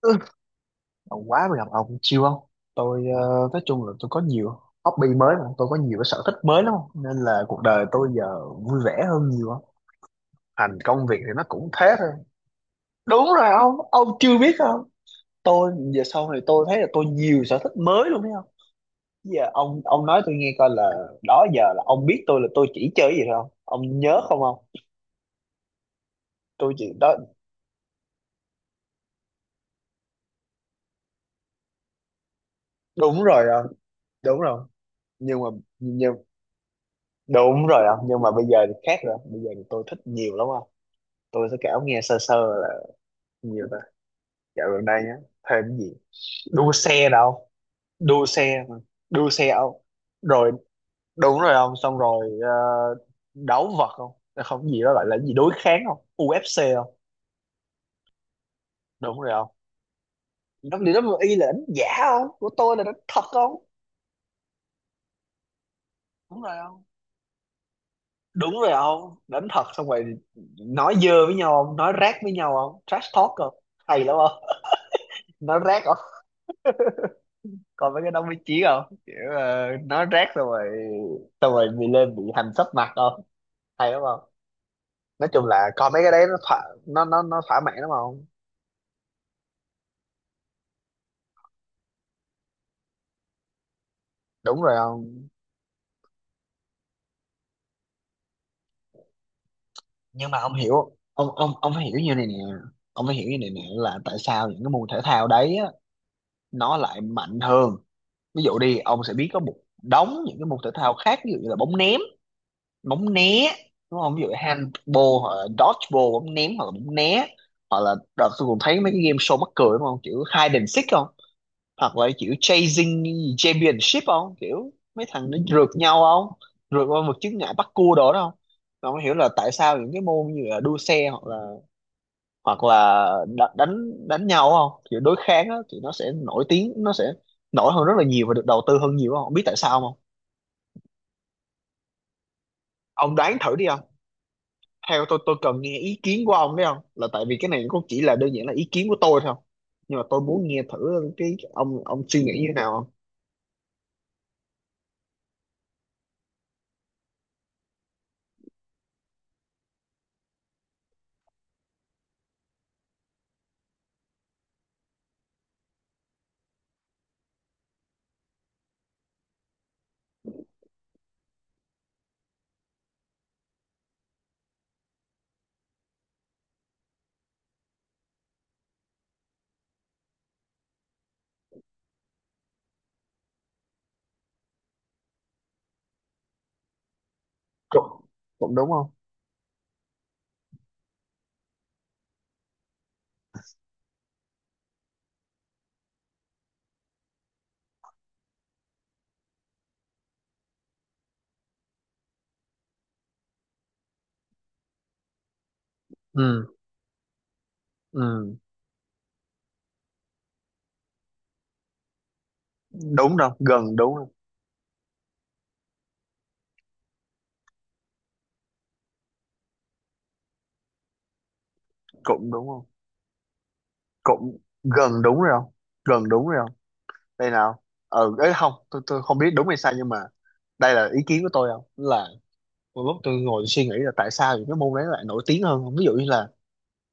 Ừ, ông quá mà gặp ông chiêu không? Tôi nói chung là tôi có nhiều hobby mới mà tôi có nhiều cái sở thích mới lắm nên là cuộc đời tôi giờ vui vẻ hơn nhiều á. Thành công việc thì nó cũng thế thôi. Đúng rồi ông chưa biết không? Tôi giờ sau này tôi thấy là tôi nhiều sở thích mới luôn thấy không? Giờ ông nói tôi nghe coi là đó giờ là ông biết tôi là tôi chỉ chơi cái gì thôi không? Ông nhớ không ông? Tôi chỉ đó, đúng rồi ông. Đúng rồi. Nhưng mà nhưng đúng rồi không? Nhưng mà bây giờ thì khác rồi. Bây giờ thì tôi thích nhiều lắm không? Tôi với Cáo nghe sơ sơ là nhiều ta, dạo gần đây nhá, thêm cái gì, đua xe đâu, đua xe mà. Đua xe ông, rồi đúng rồi ông, xong rồi đấu vật không? Là không, cái gì đó gọi là cái gì đối kháng không, UFC không? Đúng rồi không, nó liệu nó y là đánh giả không, của tôi là đánh thật không? Đúng rồi không, đúng rồi không, đánh thật xong rồi nói dơ với nhau không, nói rác với nhau không, trash talk không, hay lắm không. Nói rác, coi mấy cái đó mới chí không, kiểu nói rác xong rồi, xong rồi bị lên bị hành sấp mặt không, hay đúng không. Nói chung là coi mấy cái đấy nó thỏa, nó thỏa mãn đúng không, đúng rồi không. Nhưng mà ông hiểu, ông phải hiểu như này nè, ông phải hiểu như này nè là tại sao những cái môn thể thao đấy á, nó lại mạnh hơn. Ví dụ đi, ông sẽ biết có một đống những cái môn thể thao khác, ví dụ như là bóng ném, bóng né đúng không, ví dụ handball hoặc là dodgeball, bóng ném hoặc là bóng né, hoặc là đợt tôi cũng thấy mấy cái game show mắc cười đúng không, kiểu hide and seek không, hoặc là kiểu chasing championship không, kiểu mấy thằng nó rượt nhau không, rượt qua một chướng ngại bắt cua đồ đó không. Tôi không hiểu là tại sao những cái môn như là đua xe hoặc là đánh đánh nhau không, kiểu đối kháng á, thì nó sẽ nổi tiếng, nó sẽ nổi hơn rất là nhiều và được đầu tư hơn nhiều không, không biết tại sao không. Ông đoán thử đi, theo tôi cần nghe ý kiến của ông đấy không, là tại vì cái này cũng chỉ là đơn giản là ý kiến của tôi thôi, nhưng mà tôi muốn nghe thử cái ông suy nghĩ như thế nào không. Cũng, cũng đúng không. Ừ, ừ, đúng đâu gần đúng không, cũng đúng không, cũng gần đúng rồi không, gần đúng rồi không. Đây nào, ừ ấy không, tôi không biết đúng hay sai nhưng mà đây là ý kiến của tôi không, là một lúc tôi ngồi suy nghĩ là tại sao những cái môn đấy lại nổi tiếng hơn không, ví dụ như là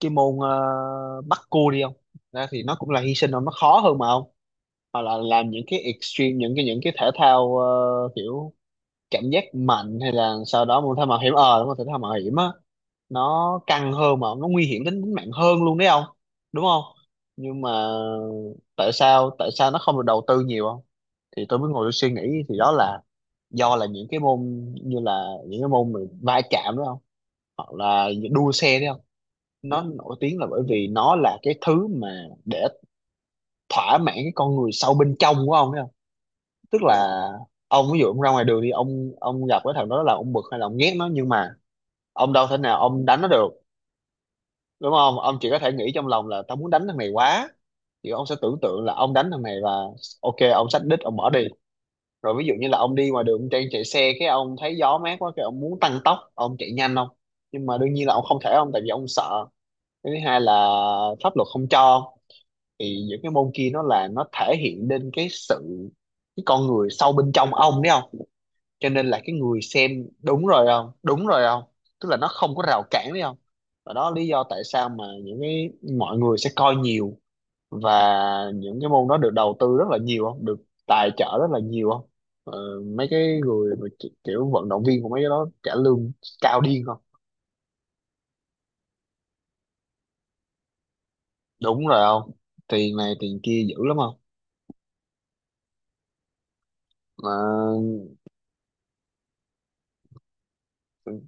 cái môn bắt cua đi không, ra thì nó cũng là hy sinh không, nó khó hơn mà không, hoặc là làm những cái extreme, những cái thể thao kiểu cảm giác mạnh hay là sau đó môn thể thao mạo hiểm, ờ đúng không, thể thao mạo hiểm á, nó căng hơn mà, nó nguy hiểm đến tính mạng hơn luôn đấy không, đúng không. Nhưng mà tại sao, tại sao nó không được đầu tư nhiều không? Thì tôi mới ngồi tôi suy nghĩ thì đó là do là những cái môn như là những cái môn mà va chạm đúng không, hoặc là đua xe đúng không, nó nổi tiếng là bởi vì nó là cái thứ mà để thỏa mãn cái con người sâu bên trong của ông. Tức là ông, ví dụ ông ra ngoài đường đi, ông gặp cái thằng đó là ông bực hay là ông ghét nó, nhưng mà ông đâu thể nào ông đánh nó được đúng không, ông chỉ có thể nghĩ trong lòng là tao muốn đánh thằng này quá, thì ông sẽ tưởng tượng là ông đánh thằng này và ok ông xách đít ông bỏ đi. Rồi ví dụ như là ông đi ngoài đường ông đang chạy xe cái ông thấy gió mát quá cái ông muốn tăng tốc ông chạy nhanh không, nhưng mà đương nhiên là ông không thể ông tại vì ông sợ, cái thứ hai là pháp luật không cho. Thì những cái môn kia nó là nó thể hiện lên cái sự, cái con người sâu bên trong ông đấy, cho nên là cái người xem, đúng rồi không, đúng rồi không, tức là nó không có rào cản đấy không. Và đó là lý do tại sao mà những cái mọi người sẽ coi nhiều, và những cái môn đó được đầu tư rất là nhiều không, được tài trợ rất là nhiều không. ờ, Mấy cái người mà kiểu vận động viên của mấy cái đó trả lương cao điên không, đúng rồi không, tiền này tiền kia dữ lắm không. Ờ, ừ,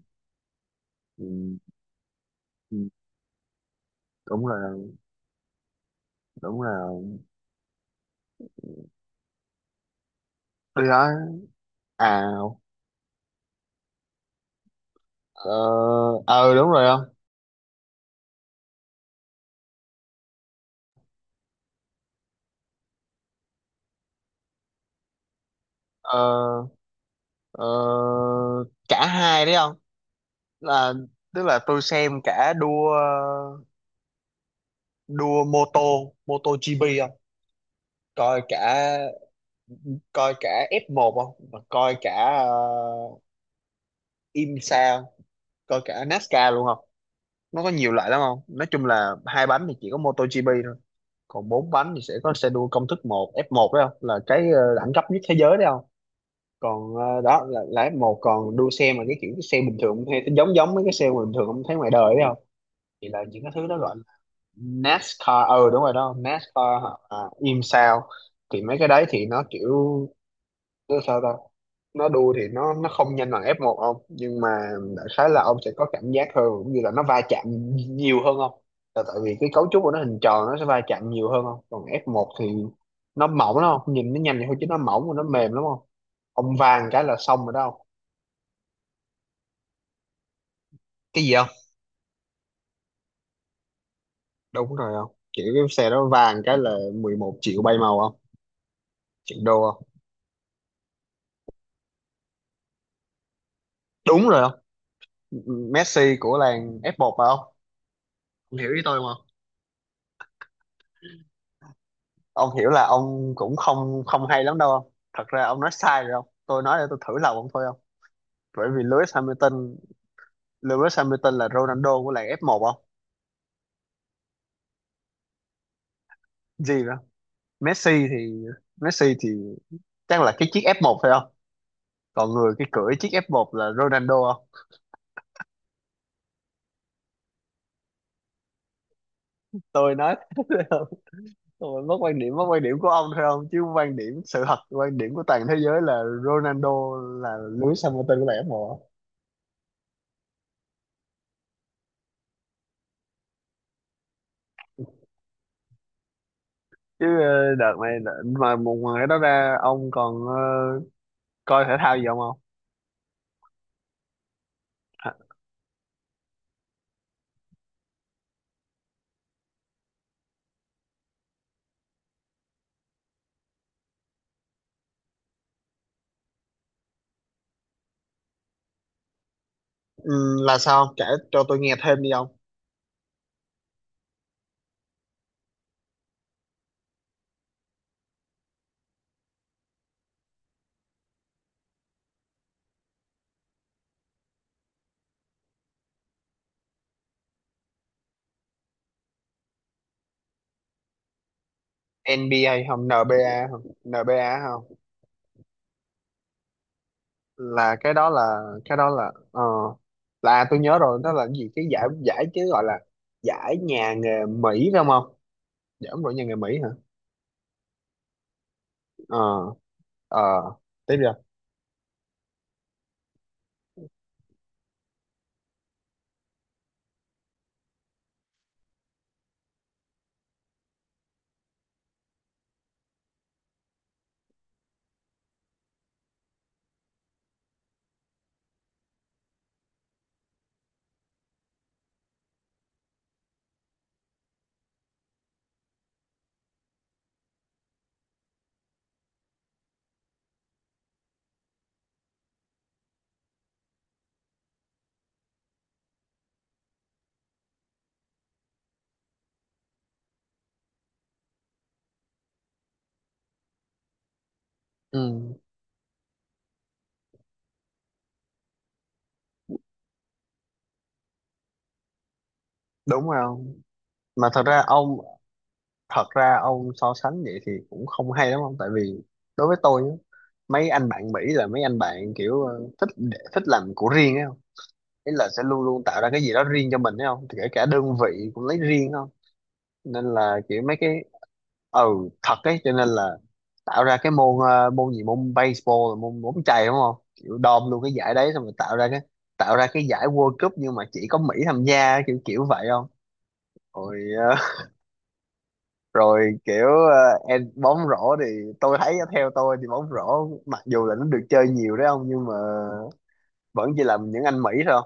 ừ, đúng rồi, đúng rồi. Đi đó, à, ờ, ờ, đúng rồi không, ờ. Ờ, cả hai đấy không, là tức là tôi xem cả đua, đua mô tô, mô tô GP không, coi cả coi cả F1 không. Và coi cả IMSA không? Coi cả NASCAR luôn không, nó có nhiều loại lắm không. Nói chung là hai bánh thì chỉ có mô tô GP thôi, còn bốn bánh thì sẽ có xe đua công thức một F1 đấy không, là cái đẳng cấp nhất thế giới đấy không. Còn đó là F1, còn đua xe mà cái kiểu cái xe bình thường cũng thấy giống giống mấy cái xe bình thường không, thấy ngoài đời đấy, thì là những cái thứ đó gọi là NASCAR. Ừ đúng rồi đó, NASCAR hả? À, im sao. Thì mấy cái đấy thì nó kiểu nó sao ta, nó đua thì nó không nhanh bằng F1 ông, nhưng mà đại khái là ông sẽ có cảm giác hơn, cũng như là nó va chạm nhiều hơn không, là tại vì cái cấu trúc của nó hình tròn nó sẽ va chạm nhiều hơn không. Còn F1 thì nó mỏng lắm không, nhìn nó nhanh vậy thôi chứ nó mỏng và nó mềm lắm không, ông vàng cái là xong rồi đó không. Cái gì không? Đúng rồi không, kiểu cái xe đó vàng cái là 11 triệu bay màu không, triệu đô không, đúng rồi không. Messi của làng F1 phải không ông? Ông hiểu ý tôi mà. Ông hiểu là ông cũng không không hay lắm đâu không. Thật ra ông nói sai rồi ông, tôi nói để tôi thử lòng ông thôi ông. Bởi vì Lewis Hamilton, Lewis Hamilton là Ronaldo của làng F1 không? Gì đó. Messi thì Messi thì chắc là cái chiếc F1 phải không? Còn người cái cưỡi chiếc F1 là Ronaldo không? Tôi nói thế thôi không, tôi mất quan điểm, mất quan điểm của ông thôi không, chứ quan điểm sự thật, quan điểm của toàn thế giới là Ronaldo là Lewis Hamilton của làng F1 chứ. Mà một ngoài đó ra ông còn coi thể thao gì không không? Hả? Ừ, là sao, ông kể cho tôi nghe thêm đi ông. NBA không, NBA không, NBA không, là cái đó là cái đó là là tôi nhớ rồi, nó là cái gì cái giải giải chứ gọi là giải nhà nghề Mỹ phải không không, giải ông đội nhà nghề Mỹ hả. Ờ, ờ, tiếp rồi. Ừ, đúng rồi không. Mà thật ra ông, thật ra ông so sánh vậy thì cũng không hay lắm ông, tại vì đối với tôi nhá, mấy anh bạn Mỹ là mấy anh bạn kiểu thích thích làm của riêng ấy không, ý là sẽ luôn luôn tạo ra cái gì đó riêng cho mình ấy không, thì kể cả đơn vị cũng lấy riêng không, nên là kiểu mấy cái, ừ thật ấy, cho nên là tạo ra cái môn môn gì, môn baseball là môn bóng chày đúng không, kiểu đom luôn cái giải đấy xong rồi tạo ra cái giải World Cup nhưng mà chỉ có Mỹ tham gia, kiểu kiểu vậy không. Rồi rồi, kiểu em bóng rổ thì tôi thấy á, theo tôi thì bóng rổ mặc dù là nó được chơi nhiều đấy không nhưng mà vẫn chỉ là những anh Mỹ thôi.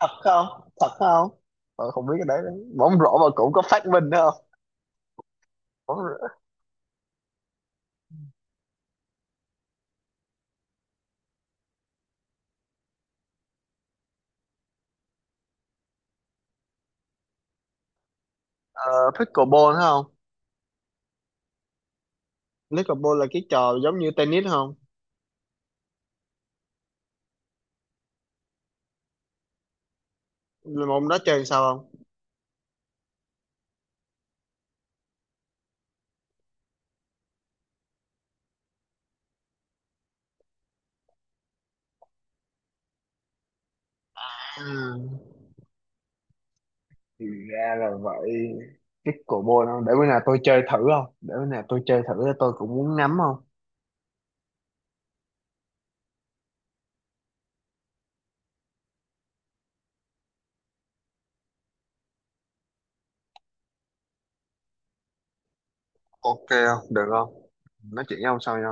Thật không, thật không, tôi không biết cái đấy nữa. Bóng rổ mà cũng có phát minh đó không. Bóng, pickleball đó không, pickleball là cái trò giống như tennis không. Là môn đó chơi sao không. À, thì ra là vậy, pickleball không, để bữa nào tôi chơi thử không, để bữa nào tôi chơi thử, tôi cũng muốn nắm không. Ok không, được không, nói chuyện với ông sau nha.